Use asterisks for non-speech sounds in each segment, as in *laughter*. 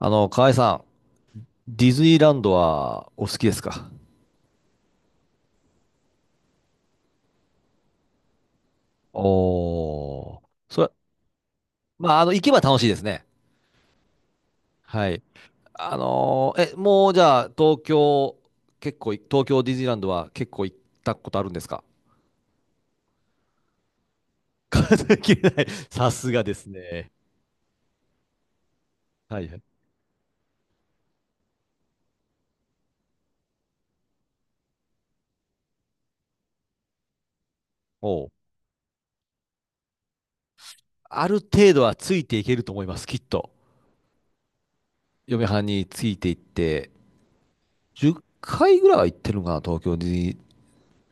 河合さん、ディズニーランドはお好きですか？おー。それ、まあ、行けば楽しいですね。はい。あのーえ、もうじゃあ、東京、結構い、東京ディズニーランドは結構行ったことあるんですか？数え切れない。*laughs* さすがですね。はいはい。おう。ある程度はついていけると思います、きっと。嫁はんについていって、10回ぐらいは行ってるのかな、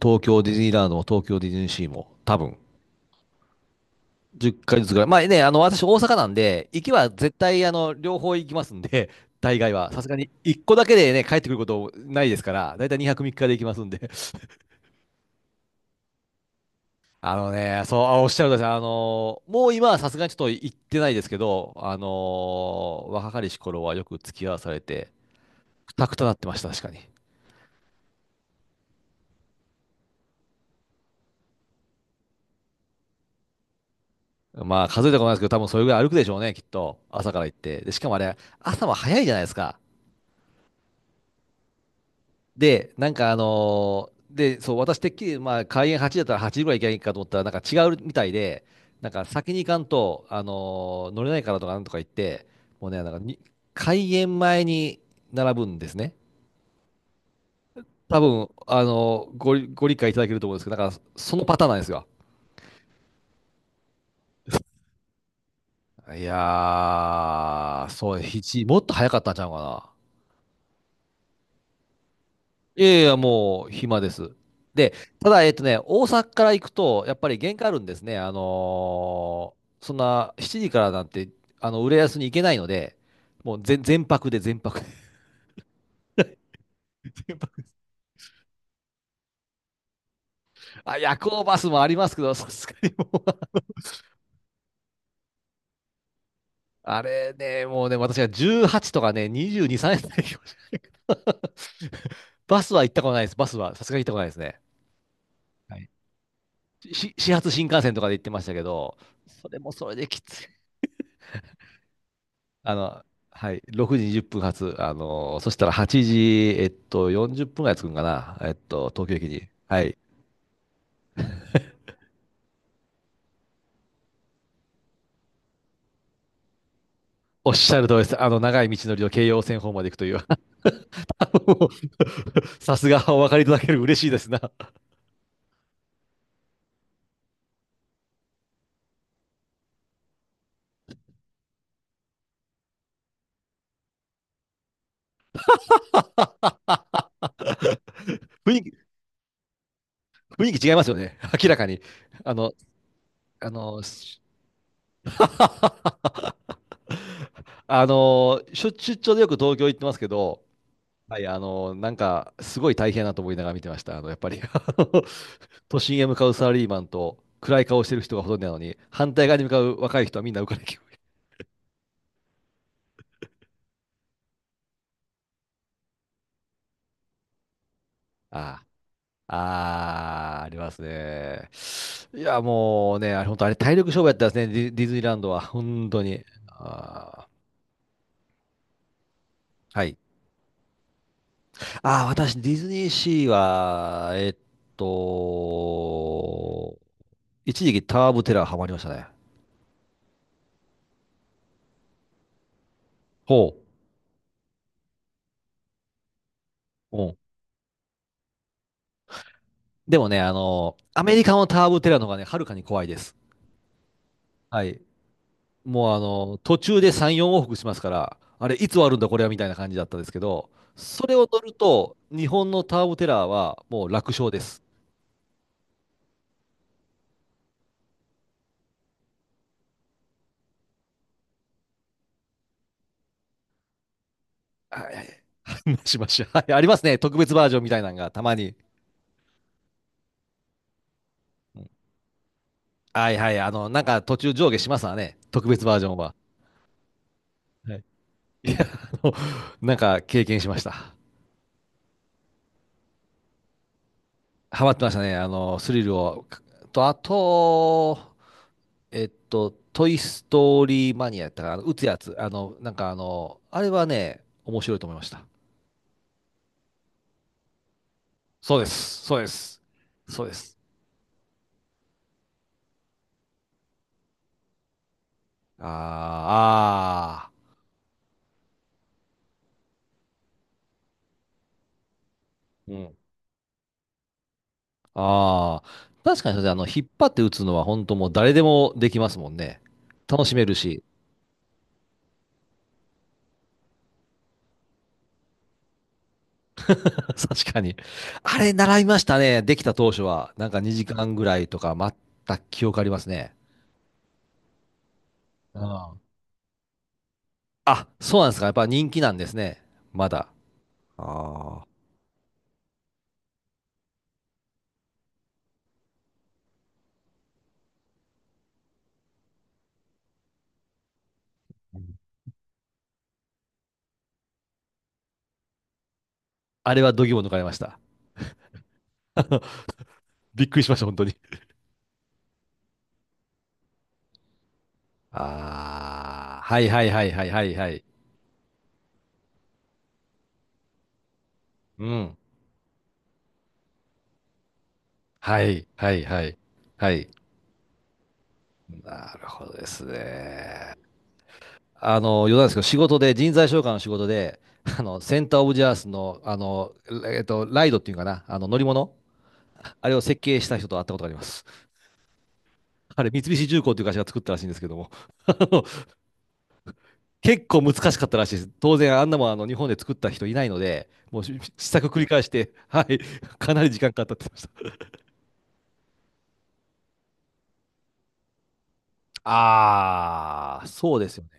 東京ディズニーランドも東京ディズニーシーも、多分。10ずつぐらい。まあね、私大阪なんで、行きは絶対、両方行きますんで、*laughs* 大概は。さすがに、1個だけでね、帰ってくることないですから、だいたい2泊3日で行きますんで。*laughs* あのね、そう、あおっしゃるとおりです。もう今はさすがにちょっと行ってないですけど、若かりし頃はよく付き合わされて、くたくたなってました、確かに。まあ、数えたことないですけど、多分それぐらい歩くでしょうね、きっと。朝から行って。で、しかもあれ、朝は早いじゃないですか。で、なんかで、そう、私てっきり、まあ、開演8時だったら8時ぐらい行けばいいかと思ったら、なんか違うみたいで、なんか先に行かんと、乗れないからとかなんとか言って、もうね、なんかに開演前に並ぶんですね。多分、ご理解いただけると思うんですけど、なんかそのパターンなんですよ。いやー、そう、ひちもっと早かったんちゃうかな。いやいや、もう暇です。で、ただ、大阪から行くと、やっぱり限界あるんですね。あのーそんな7時からなんて、浦安に行けないので、もう全泊で、全泊で、*laughs* 全泊で。あ、夜行バスもありますけど、さすがにもう、*laughs* あれね、もうね、私は18とかね、22、3円台でもしれけど *laughs* バスは行ったことないです。バスは、さすがに行ったことないですね。はい。始発新幹線とかで行ってましたけど、それもそれできつい。あの、はい、6時20分発、そしたら8時、40分ぐらい着くんかな、東京駅に。はい。おっしゃる通りです。長い道のりを京葉線方まで行くという。*laughs* もうさすがお分かりいただける嬉しいですな。*laughs* 雰囲気、雰囲気違いますよね。明らかに。あの、あの、しあの、しょ出張でよく東京行ってますけど、はい、なんか、すごい大変だなと思いながら見てました。やっぱりの *laughs* 都心へ向かうサラリーマンと、暗い顔してる人がほとんどなのに、反対側に向かう若い人はみんな浮かれ気分。*laughs* ああ、ああ、ありますね。いや、もうね、あれ、本当あれ、体力勝負やったんですね、ディズニーランドは。本当に。ああ、はい。ああ、私、ディズニーシーは、と、一時期タワーオブテラーハマりましたね。ほう。でもね、アメリカのターボテラの方がね、はるかに怖いです。はい。もう途中で3、4往復しますから、あれ、いつ終わるんだ、これは、みたいな感じだったんですけど、それを乗ると、日本のターボテラーはもう楽勝です。はい。*laughs* はいしましょう。はい、ありますね。特別バージョンみたいなのが、たまに。はいはい。なんか途中上下しますわね。特別バージョンは。はい。いや、あの、なんか経験しました。ハマってましたね。スリルを。あと、トイ・ストーリー・マニアやったから、あの打つやつ、あれはね、面白いと思いました。そうです、そうです、そうです。あーあーうん。あ、ああ、あ、確かにそれ、引っ張って打つのは本当もう誰でもできますもんね。楽しめるし、*laughs* 確かに。あれ、習いましたね、できた当初は。なんか2時間ぐらいとか待った記憶ありますね。うんあ、そうなんですか。やっぱ人気なんですね。まだ。ああ。あれは度肝抜かれました。びっくりしました、本当に。ああ、はいはいはいはいはいはい。うん。はいはいはい。はい。なるほどですね。余談ですけど、仕事で、人材紹介の仕事で、*laughs* センターオブジャースの、ライドっていうかな、乗り物、あれを設計した人と会ったことがあります。あれ、三菱重工っていう会社が作ったらしいんですけども、*laughs* あの、結構難しかったらしいです。当然、あんなもんあの日本で作った人いないので、もう試作繰り返して、*laughs* はい、かなり時間かかったって言ってました。ああ、そうですよね。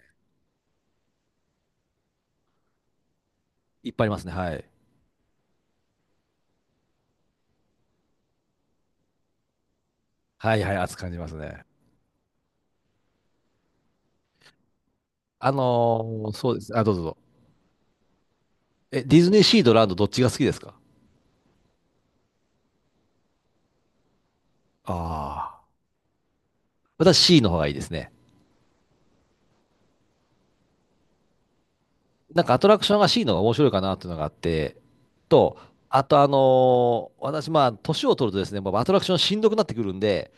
いっぱいありますね。はい。はいはい、熱く感じますね。そうです。あ、どうぞどうぞ。え、ディズニーシーとランドどっちが好きですか？ああー。私 C の方がいいですね。なんかアトラクションが C の方が面白いかなっていうのがあって、と、あと私まあ、年を取るとですね、もうアトラクションしんどくなってくるんで、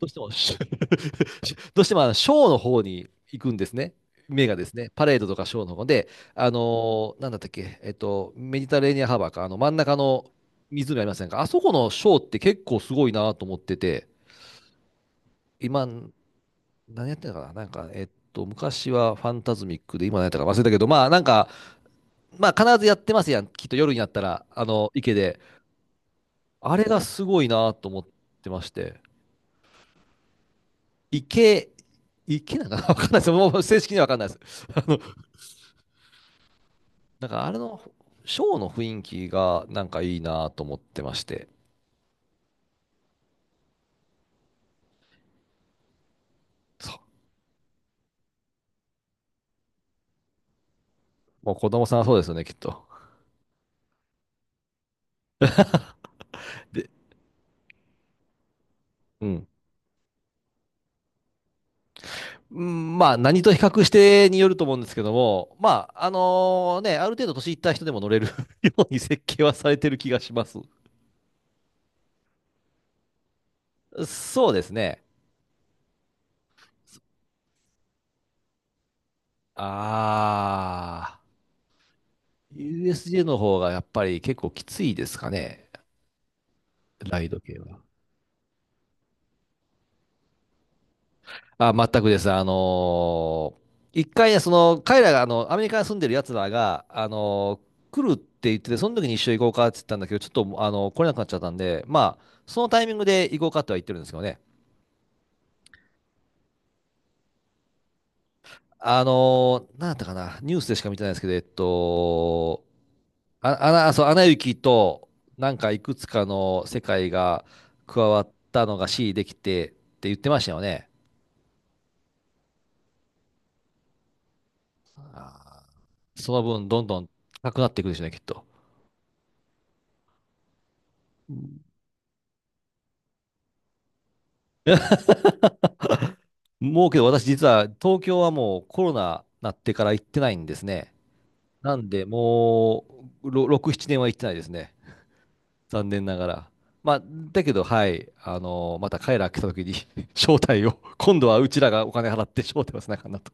どうしてもし、*laughs* どうしてもあのショーの方に行くんですね。目がですね、パレードとかショーの方で、なんだったっけ、メディタレーニアンハーバーか、あの真ん中の湖ありませんか？あそこのショーって結構すごいなと思ってて、今、何やってんのかな、なんか、昔はファンタズミックで、今何やったか忘れたけど、まあなんか、まあ必ずやってますやん、きっと夜になったら、あの池で。あれがすごいなと思ってまして、池、池なんかな *laughs* わかんないです。もう正式にはわかんないです。*laughs* なんかあれのショーの雰囲気がなんかいいなと思ってまして。そう。もう子供さんはそうですよね、きっと。うん。うんまあ何と比較してによると思うんですけども、まああのね、ある程度年いった人でも乗れる *laughs* ように設計はされてる気がします。そうですね。ああ。USJ の方がやっぱり結構きついですかね、ライド系は。あ、全くです。1回ね、その、彼らが、アメリカに住んでる奴らが、来るって言ってて、その時に一緒に行こうかって言ったんだけど、ちょっと、来れなくなっちゃったんで、まあ、そのタイミングで行こうかとは言ってるんですけどね。なんだったかな、ニュースでしか見てないですけど、えっと、あ、あな、そう、アナ雪と、なんかいくつかの世界が加わったのが C できてって言ってましたよね。その分、どんどん高くなっていくでしょうね、きっと。もうけど、私、実は東京はもうコロナなってから行ってないんですね。なんで、もう6、7年は行ってないですね。残念ながら。まあ、だけど、はい、また彼ら来た時に *laughs* 招待を、今度はうちらがお金払って招待をせなあかんなと。